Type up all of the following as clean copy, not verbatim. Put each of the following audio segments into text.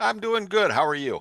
I'm doing good. How are you?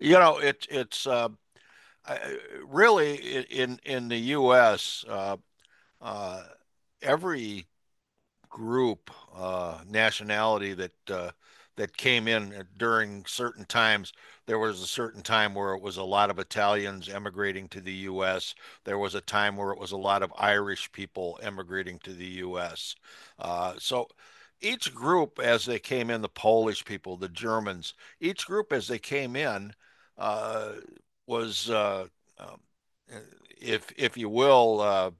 You know, it's I- really in the U.S. Uh, every group nationality that came in during certain times. There was a certain time where it was a lot of Italians emigrating to the U.S. There was a time where it was a lot of Irish people emigrating to the U.S. So each group, as they came in, the Polish people, the Germans, each group as they came in uh, was, uh, um, if you will,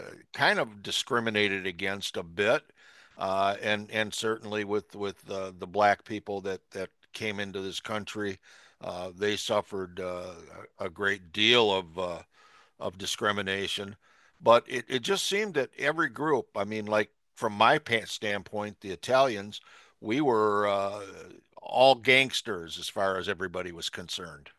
Uh, kind of discriminated against a bit, and certainly with the black people that came into this country. They suffered a great deal of discrimination. But it just seemed that every group, I mean, like from my standpoint, the Italians, we were all gangsters as far as everybody was concerned.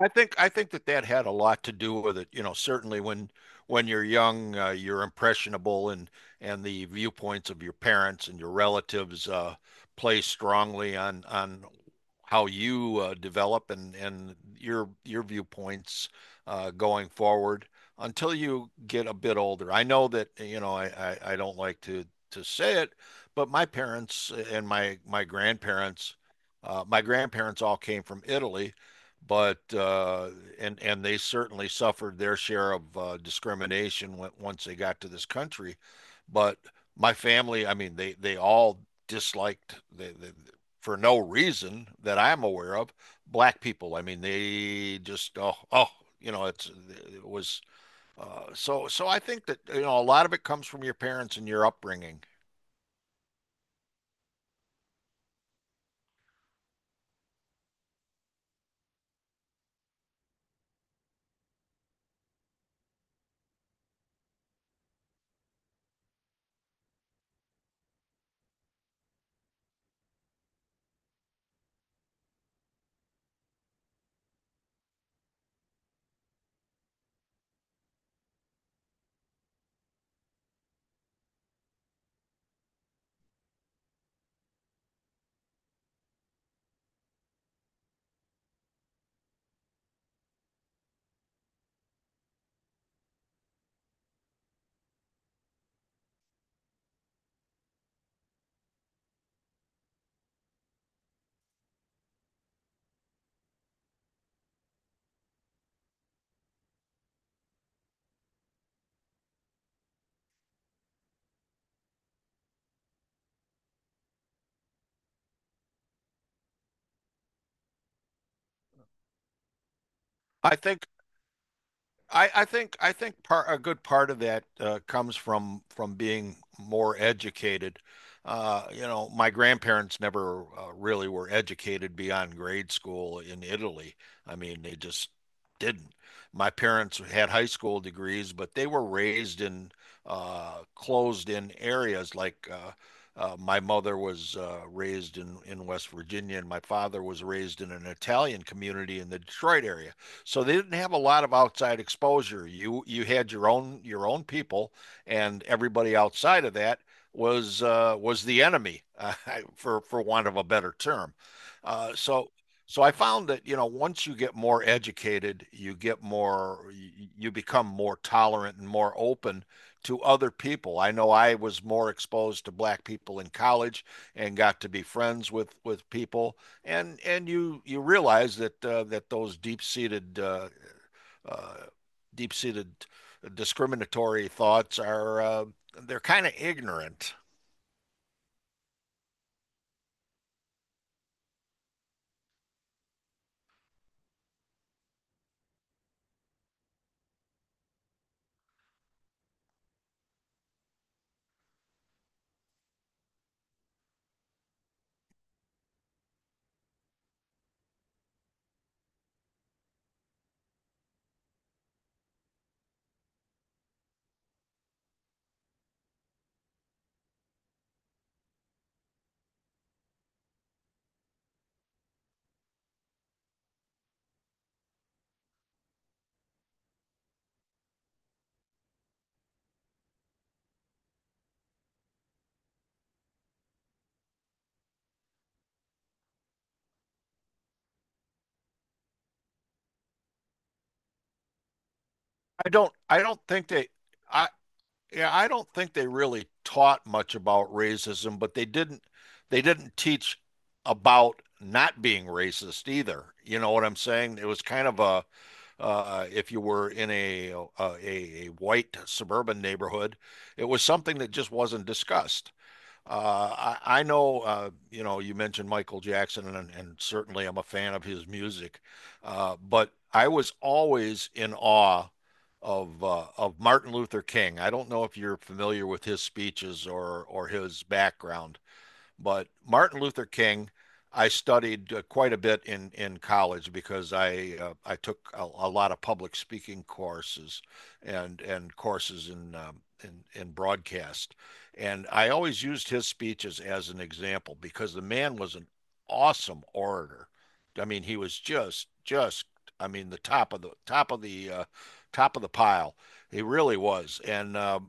I think that that had a lot to do with it. You know, certainly when you're young, you're impressionable, and the viewpoints of your parents and your relatives play strongly on how you develop and your viewpoints, going forward until you get a bit older. I know that you know I don't like to say it, but my parents and my my grandparents all came from Italy, but and they certainly suffered their share of discrimination when, once they got to this country. But my family, I mean, they all disliked for no reason that I'm aware of, black people. I mean, they just you know, it's it was, so I think that you know a lot of it comes from your parents and your upbringing. I think I think part a good part of that comes from being more educated. You know, my grandparents never really were educated beyond grade school in Italy. I mean, they just didn't. My parents had high school degrees, but they were raised in, closed-in areas. Like, my mother was raised in West Virginia, and my father was raised in an Italian community in the Detroit area. So they didn't have a lot of outside exposure. You had your own people, and everybody outside of that was, was the enemy, for want of a better term. Uh, so so I found that you know once you get more educated, you get more you you become more tolerant and more open to other people. I know I was more exposed to black people in college and got to be friends with people, and you realize that those deep seated uh, deep seated discriminatory thoughts are they're kind of ignorant. I don't think they I yeah I don't think they really taught much about racism, but they didn't teach about not being racist either. You know what I'm saying? It was kind of a, if you were in a white suburban neighborhood, it was something that just wasn't discussed. I know, you know, you mentioned Michael Jackson, and certainly I'm a fan of his music, but I was always in awe of Martin Luther King. I don't know if you're familiar with his speeches or his background, but Martin Luther King, I studied quite a bit in college because I took a lot of public speaking courses and courses in broadcast, and I always used his speeches as an example because the man was an awesome orator. I mean, he was just I mean the top of the top of the top of the pile. He really was, and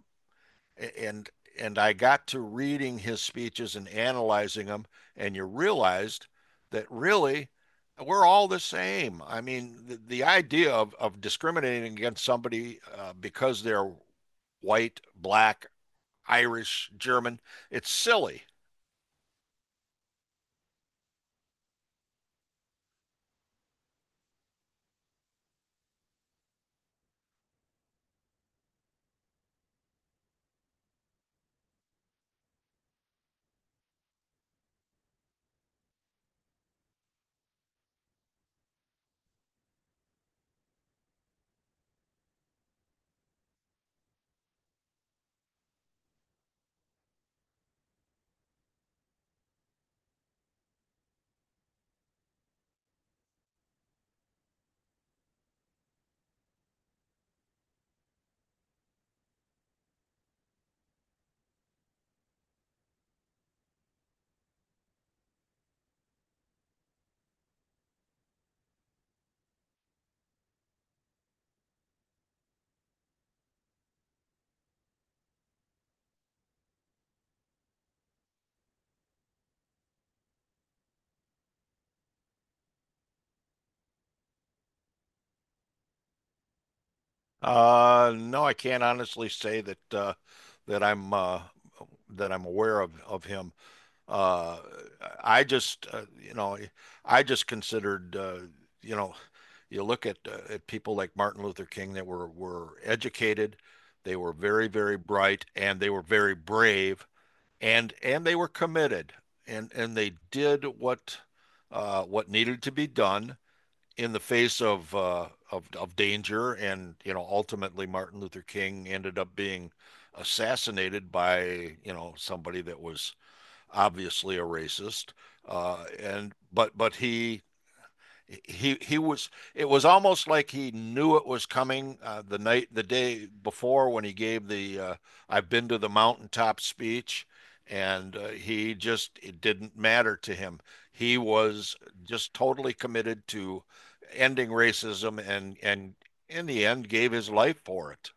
and and I got to reading his speeches and analyzing them, and you realized that really we're all the same. I mean, the idea of discriminating against somebody because they're white, black, Irish, German, it's silly. No, I can't honestly say that I'm uh, that I'm aware of him. Uh, I just, you know, I just considered, you know, you look at people like Martin Luther King that were educated, they were very, very bright, and they were very brave, and they were committed, and they did what needed to be done in the face of danger. And you know, ultimately Martin Luther King ended up being assassinated by, you know, somebody that was obviously a racist, and but he was, it was almost like he knew it was coming, the day before when he gave the, I've been to the mountaintop speech. And he just, it didn't matter to him. He was just totally committed to ending racism and in the end gave his life for it.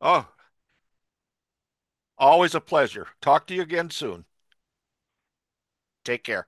oh Always a pleasure. Talk to you again soon. Take care.